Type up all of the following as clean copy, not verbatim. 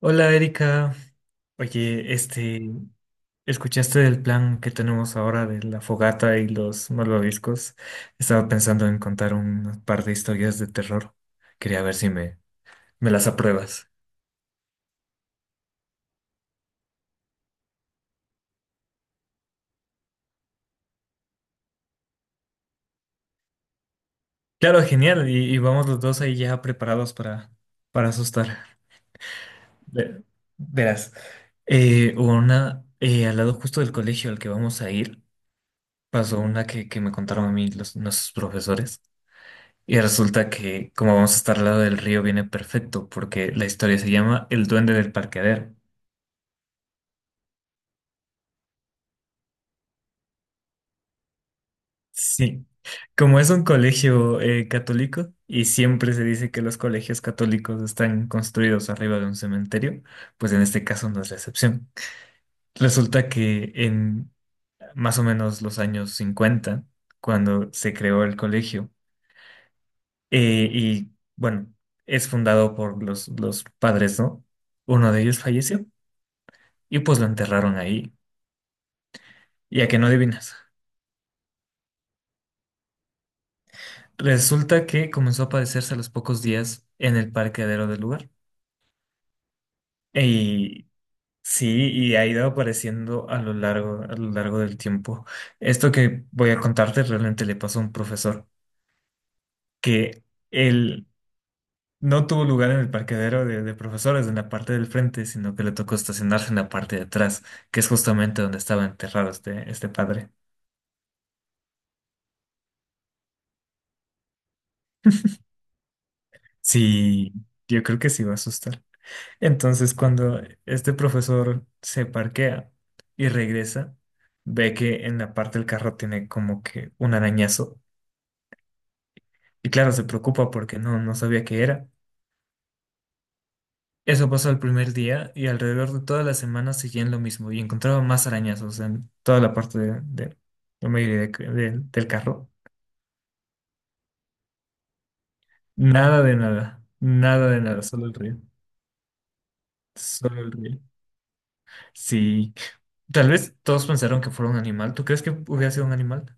Hola Erika, oye, ¿escuchaste del plan que tenemos ahora de la fogata y los malvaviscos? Estaba pensando en contar un par de historias de terror. Quería ver si me las apruebas. Claro, genial, y vamos los dos ahí ya preparados para asustar. Ve- Verás, al lado justo del colegio al que vamos a ir, pasó una que me contaron a mí nuestros profesores. Y resulta que, como vamos a estar al lado del río, viene perfecto, porque la historia se llama El Duende del Parqueadero. Sí. Como es un colegio católico y siempre se dice que los colegios católicos están construidos arriba de un cementerio, pues en este caso no es la excepción. Resulta que en más o menos los años 50 cuando se creó el colegio, y bueno, es fundado por los padres, ¿no? Uno de ellos falleció y pues lo enterraron ahí. Y a que no adivinas. Resulta que comenzó a aparecerse a los pocos días en el parqueadero del lugar. Y sí, y ha ido apareciendo a lo largo del tiempo. Esto que voy a contarte realmente le pasó a un profesor, que él no tuvo lugar en el parqueadero de profesores en la parte del frente, sino que le tocó estacionarse en la parte de atrás, que es justamente donde estaba enterrado este padre. Sí, yo creo que sí va a asustar. Entonces, cuando este profesor se parquea y regresa, ve que en la parte del carro tiene como que un arañazo. Y claro, se preocupa porque no sabía qué era. Eso pasó el primer día y alrededor de toda la semana seguían lo mismo y encontraba más arañazos en toda la parte la mayoría del carro. Nada de nada, nada de nada, solo el río. Solo el río. Sí. Tal vez todos pensaron que fuera un animal. ¿Tú crees que hubiera sido un animal?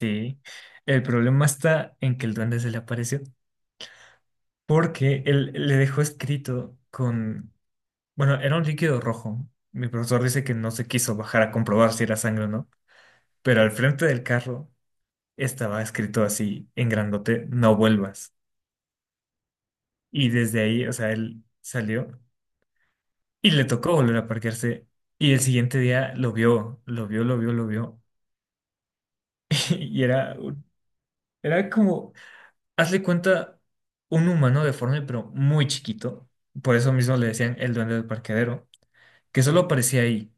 Sí, el problema está en que el duende se le apareció porque él le dejó escrito bueno, era un líquido rojo. Mi profesor dice que no se quiso bajar a comprobar si era sangre o no, pero al frente del carro estaba escrito así en grandote, no vuelvas. Y desde ahí, o sea, él salió y le tocó volver a parquearse y el siguiente día lo vio, lo vio, lo vio, lo vio y era, era como hazle cuenta un humano deforme, pero muy chiquito. Por eso mismo le decían el duende del parqueadero, que solo aparecía ahí.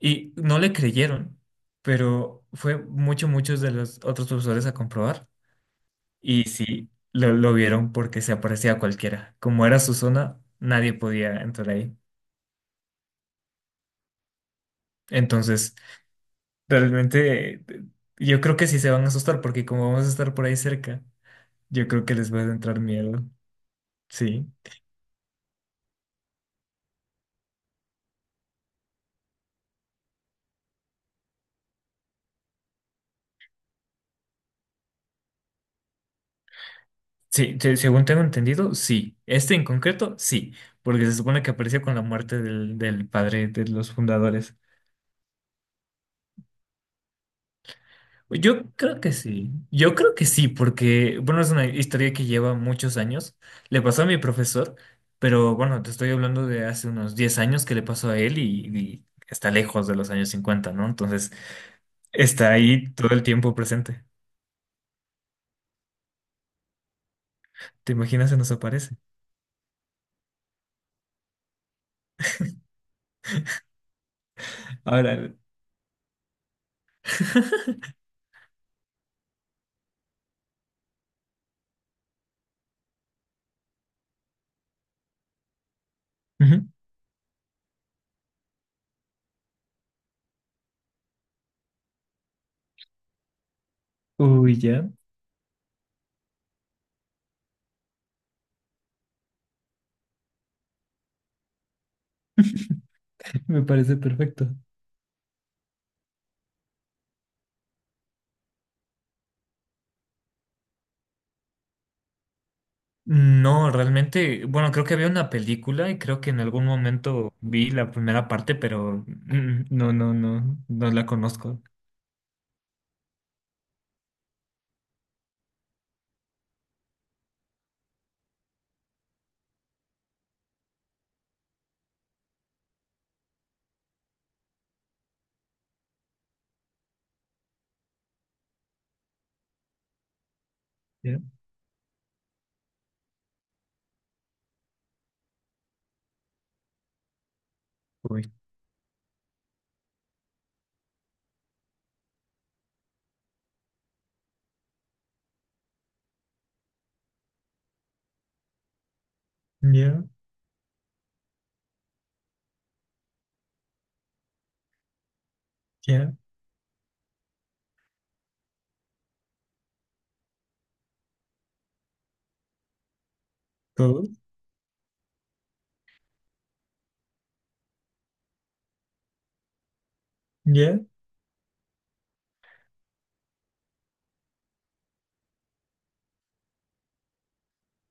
Y no le creyeron, pero fue muchos de los otros profesores a comprobar. Y sí, lo vieron porque se aparecía a cualquiera. Como era su zona, nadie podía entrar ahí. Entonces, realmente, yo creo que sí se van a asustar porque como vamos a estar por ahí cerca, yo creo que les va a entrar miedo. Sí. Sí, según tengo entendido, sí. Este en concreto, sí, porque se supone que apareció con la muerte del padre de los fundadores. Yo creo que sí, yo creo que sí, porque, bueno, es una historia que lleva muchos años. Le pasó a mi profesor, pero bueno, te estoy hablando de hace unos 10 años que le pasó a él y está lejos de los años 50, ¿no? Entonces, está ahí todo el tiempo presente. ¿Te imaginas se nos aparece? Ahora. Ujú. Uy, ya, me parece perfecto. No, realmente, bueno, creo que había una película y creo que en algún momento vi la primera parte, pero no, no, no, no la conozco. Ya, uy, ya, ya, todo, ya,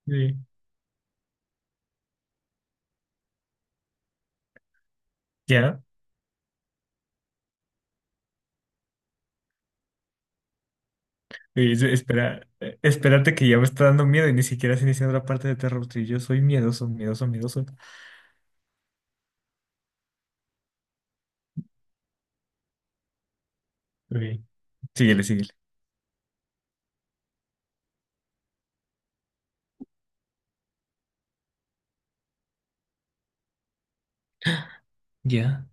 sí, ya. Uy, espera, espérate que ya me está dando miedo y ni siquiera has iniciado la parte de terror. Sí, yo soy miedoso, miedoso, miedoso. Uy, síguele, síguele. Ya,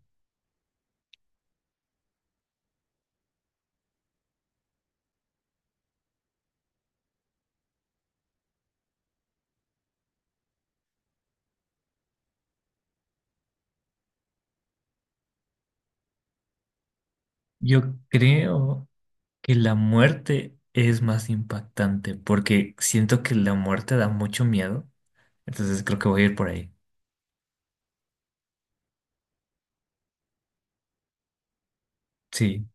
yo creo que la muerte es más impactante porque siento que la muerte da mucho miedo. Entonces creo que voy a ir por ahí. Sí.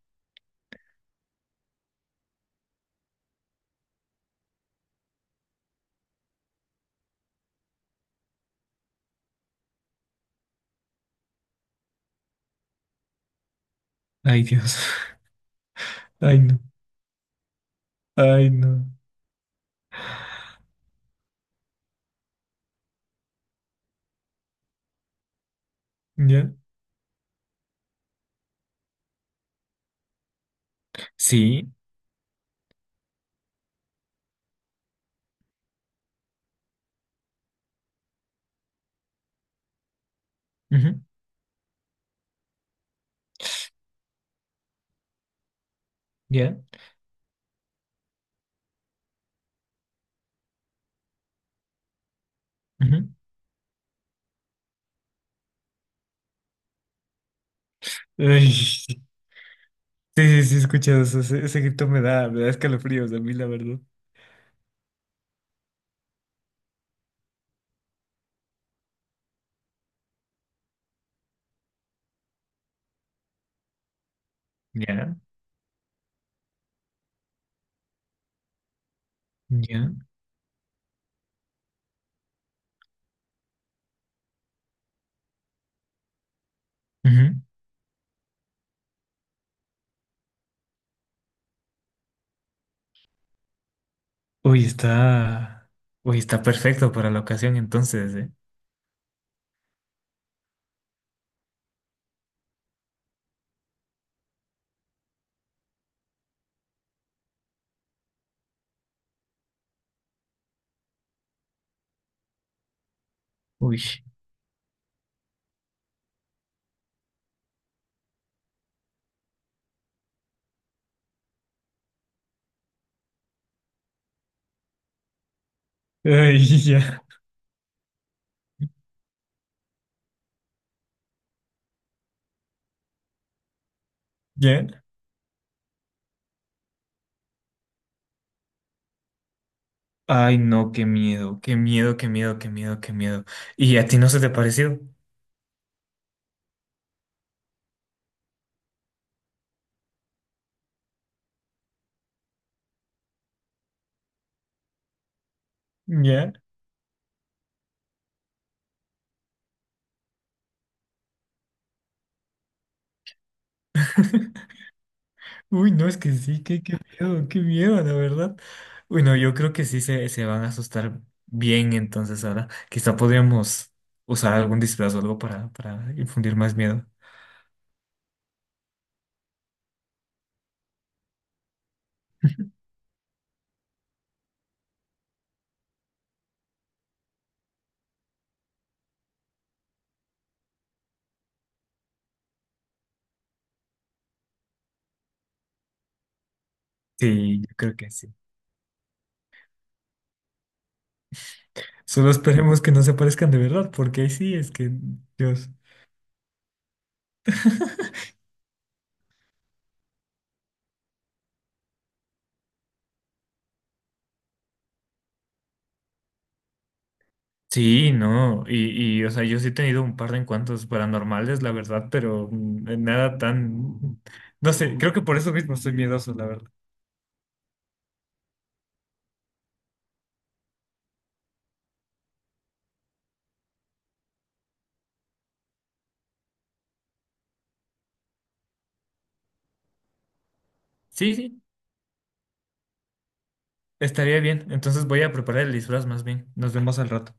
Ay, Dios. Ay, no. Ay, no. ¿Ya? Sí. Ujú. Ya. Ujú. Ay, sí, sí, sí, he escuchado eso. Ese grito me da escalofríos a mí, la verdad. Ya. Ya. Ujú. Uy, está. Uy, está perfecto para la ocasión entonces, ¿eh? Uy. Ay, ya. ¿Ya? Ay, no, qué miedo, qué miedo, qué miedo, qué miedo, qué miedo. ¿Y a ti no se te pareció? ¿Ya? Uy, no, es que sí, qué miedo, qué miedo, la verdad. Bueno, yo creo que sí se van a asustar bien, entonces ahora quizá podríamos usar algún disfraz o algo para, infundir más miedo. Sí, yo creo que sí. Solo esperemos que no se parezcan de verdad, porque ahí sí es que, Dios. Sí, no, y o sea, yo sí he tenido un par de encuentros paranormales, la verdad, pero nada tan, no sé, creo que por eso mismo soy miedoso, la verdad. Sí, sí. Estaría bien. Entonces voy a preparar el disfraz más bien. Nos vemos al rato.